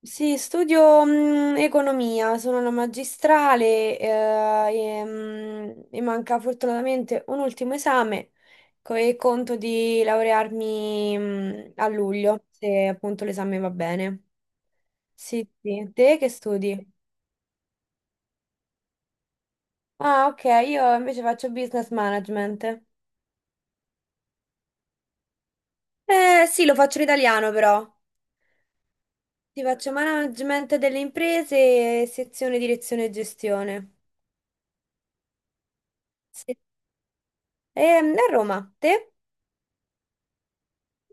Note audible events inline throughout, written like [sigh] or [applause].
Sì, studio economia, sono una magistrale e, mi manca fortunatamente un ultimo esame e conto di laurearmi a luglio, se appunto l'esame va bene. Sì, sì. Te che studi? Ah, ok, io invece faccio business management. Eh sì, lo faccio in italiano però. Ti faccio management delle imprese, sezione direzione e gestione. Sì. A Roma, te?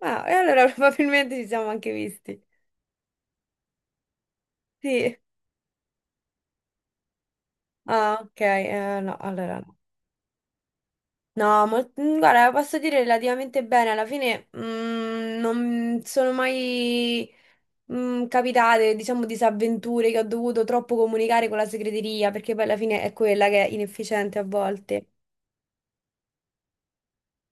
Ah, e allora [laughs] probabilmente ci siamo anche visti. Sì. Ah, ok, no, allora no. No, guarda, posso dire relativamente bene, alla fine non sono mai capitate, diciamo, disavventure che ho dovuto troppo comunicare con la segreteria, perché poi alla fine è quella che è inefficiente a volte.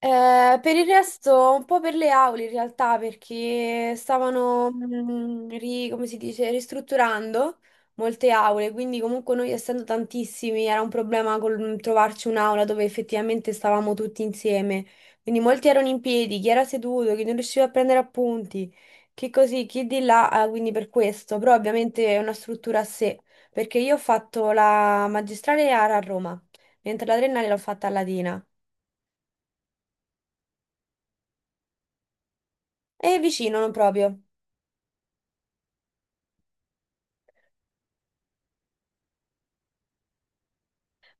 Per il resto, un po' per le aule in realtà, perché stavano, come si dice, ristrutturando molte aule, quindi comunque noi essendo tantissimi era un problema col trovarci un'aula dove effettivamente stavamo tutti insieme. Quindi molti erano in piedi, chi era seduto, chi non riusciva a prendere appunti, chi così, chi di là, quindi per questo, però ovviamente è una struttura a sé, perché io ho fatto la magistrale a Roma, mentre la triennale l'ho fatta a Latina. E vicino, non proprio.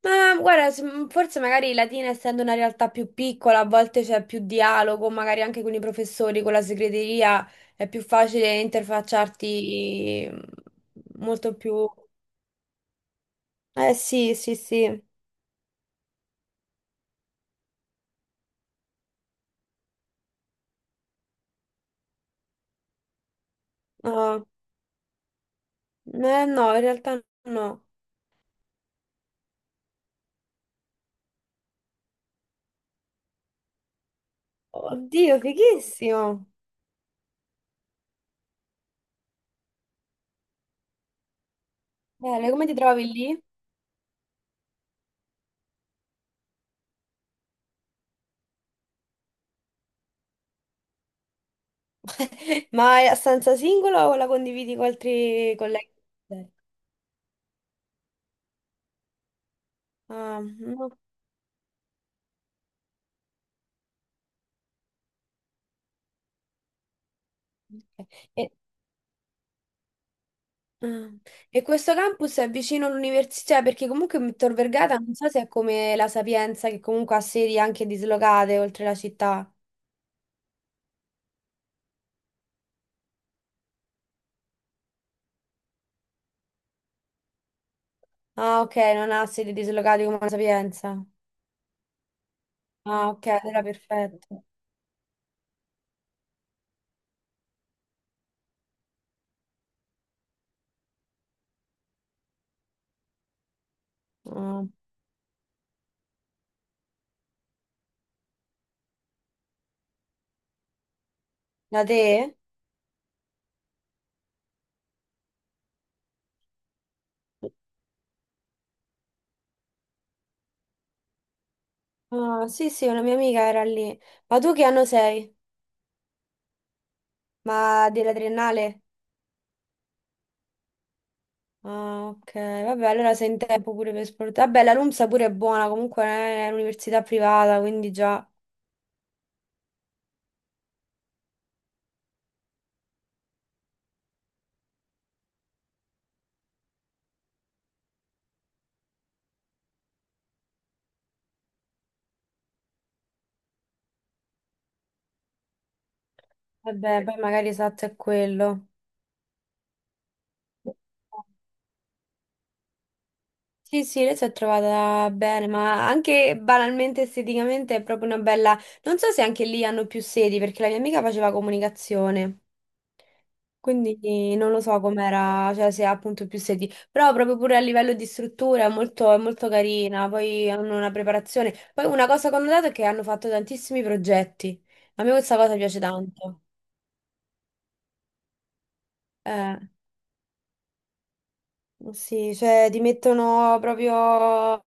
Ma guarda, forse magari Latina, essendo una realtà più piccola, a volte c'è più dialogo, magari anche con i professori, con la segreteria, è più facile interfacciarti eh, molto più... Eh sì, sì, sì. No, no, no, in realtà no. Oddio, fighissimo. Bene, come ti trovi lì? [laughs] Ma è a stanza singola o la condividi con altri colleghi? Ah, no. Ok. E- Ah, e questo campus è vicino all'università cioè, perché comunque Tor Vergata non so se è come la Sapienza che comunque ha sedi anche dislocate oltre la città. Ah, ok, non ha sedi dislocate come la Sapienza. Ah, ok, allora perfetto. Ah, da te? Ah, sì, sì, una mia amica era lì. Ma tu che anno sei? Ma della triennale? Ah, ok, vabbè, allora sei in tempo pure per esportare. Vabbè, la LUMSA pure è buona, comunque è un'università privata, quindi già. Vabbè, poi magari esatto è quello. Sì, sì, lei si è trovata bene, ma anche banalmente esteticamente è proprio una bella... Non so se anche lì hanno più sedi, perché la mia amica faceva comunicazione, quindi non lo so com'era, cioè se ha appunto più sedi, però proprio pure a livello di struttura è molto carina, poi hanno una preparazione. Poi una cosa che ho notato è che hanno fatto tantissimi progetti, a me questa cosa piace tanto. Eh. Sì, cioè ti mettono proprio,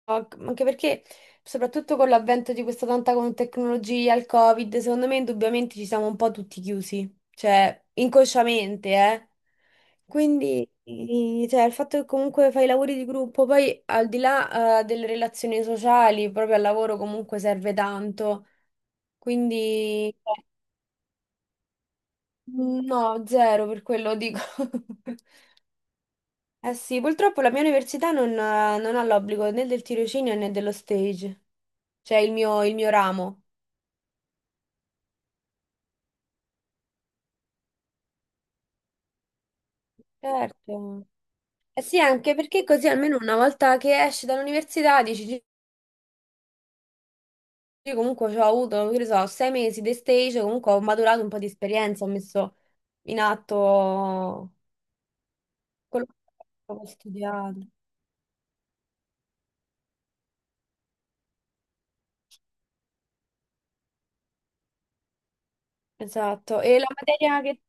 anche perché soprattutto con l'avvento di questa tecnologia, il Covid, secondo me indubbiamente ci siamo un po' tutti chiusi, cioè inconsciamente, eh. Quindi, cioè, il fatto che comunque fai i lavori di gruppo, poi al di là, delle relazioni sociali, proprio al lavoro comunque serve tanto, quindi no, zero per quello dico. [laughs] Eh sì, purtroppo la mia università non, non ha l'obbligo né del tirocinio né dello stage, cioè il mio ramo. Certo. Eh sì, anche perché così almeno una volta che esci dall'università dici, "Gi- io comunque ci ho avuto, che ne so, 6 mesi di stage, comunque ho maturato un po' di esperienza, ho messo in atto quello che ho studiato. Esatto, e la materia che...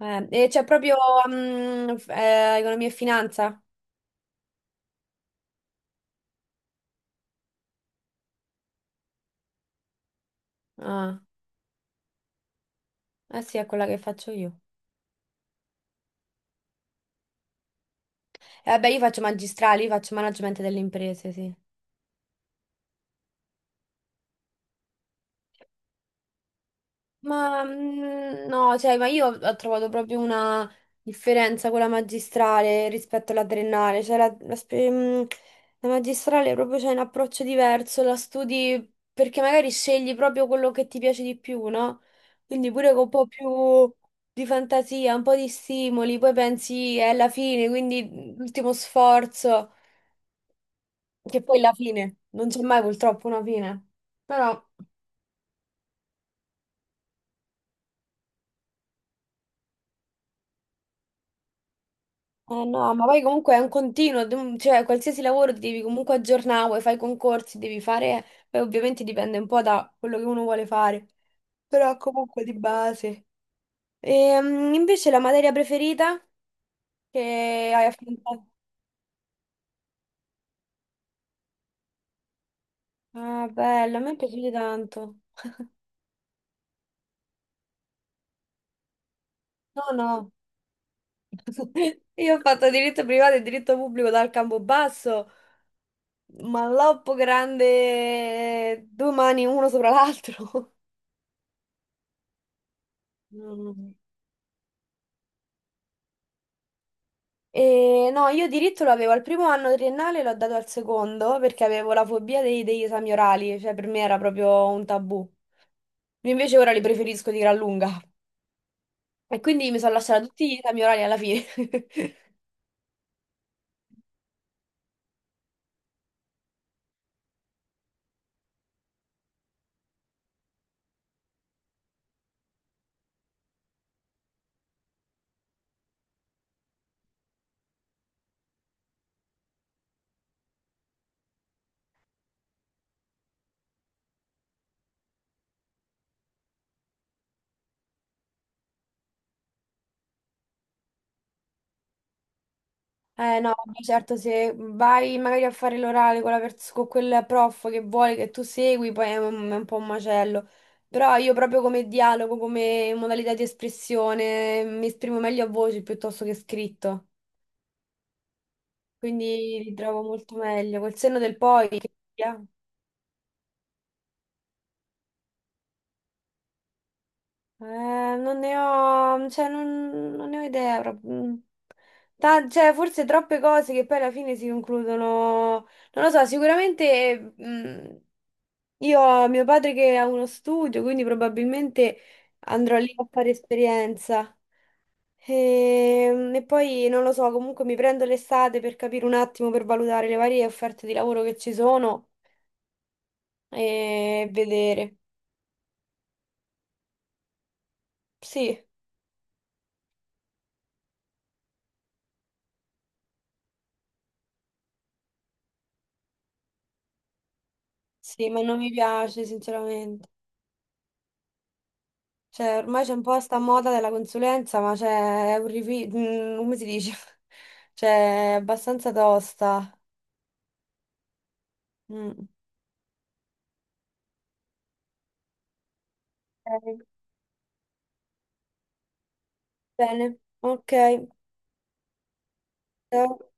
E c'è proprio economia e finanza? Ah, eh sì, è quella che faccio io. Vabbè, io faccio magistrale, io faccio management delle imprese, sì. Ma no, cioè, ma io ho trovato proprio una differenza con la magistrale rispetto alla triennale. Cioè, la magistrale proprio c'è un approccio diverso, la studi perché magari scegli proprio quello che ti piace di più, no? Quindi pure con un po' più di fantasia, un po' di stimoli, poi pensi è la fine, quindi l'ultimo sforzo, che poi è la fine, non c'è mai purtroppo una fine. Però. Eh no, ma poi comunque è un continuo, cioè qualsiasi lavoro ti devi comunque aggiornare, vuoi fai concorsi, devi fare, poi ovviamente dipende un po' da quello che uno vuole fare, però comunque di base. Invece la materia preferita che hai affrontato? Ah, bella, a me è piaciuta tanto. No, no, [laughs] io ho fatto diritto privato e diritto pubblico dal Campobasso, ma l'oppo grande, due mani uno sopra l'altro. [laughs] E no, io diritto lo avevo al primo anno triennale, l'ho dato al secondo perché avevo la fobia degli esami orali, cioè per me era proprio un tabù. Io invece ora li preferisco di gran lunga. E quindi mi sono lasciata tutti gli esami orali alla fine. [laughs] Eh no, vabbè, certo, se vai magari a fare l'orale con, con quel prof che vuole che tu segui, poi è un po' un macello. Però io proprio come dialogo, come modalità di espressione, mi esprimo meglio a voce piuttosto che scritto. Quindi li trovo molto meglio. Col senno del poi, che sia. Non ne ho, cioè, non, non ne ho idea proprio. Cioè, forse troppe cose che poi alla fine si concludono. Non lo so, sicuramente io ho mio padre che ha uno studio, quindi probabilmente andrò lì a fare esperienza. E poi non lo so, comunque mi prendo l'estate per capire un attimo, per valutare le varie offerte di lavoro che ci sono e vedere. Sì, sì, ma non mi piace sinceramente. Cioè, ormai c'è un po' sta moda della consulenza, ma c'è è un come si dice? [laughs] Cioè, è abbastanza tosta. Mm. Ok, bene, ok. Ciao.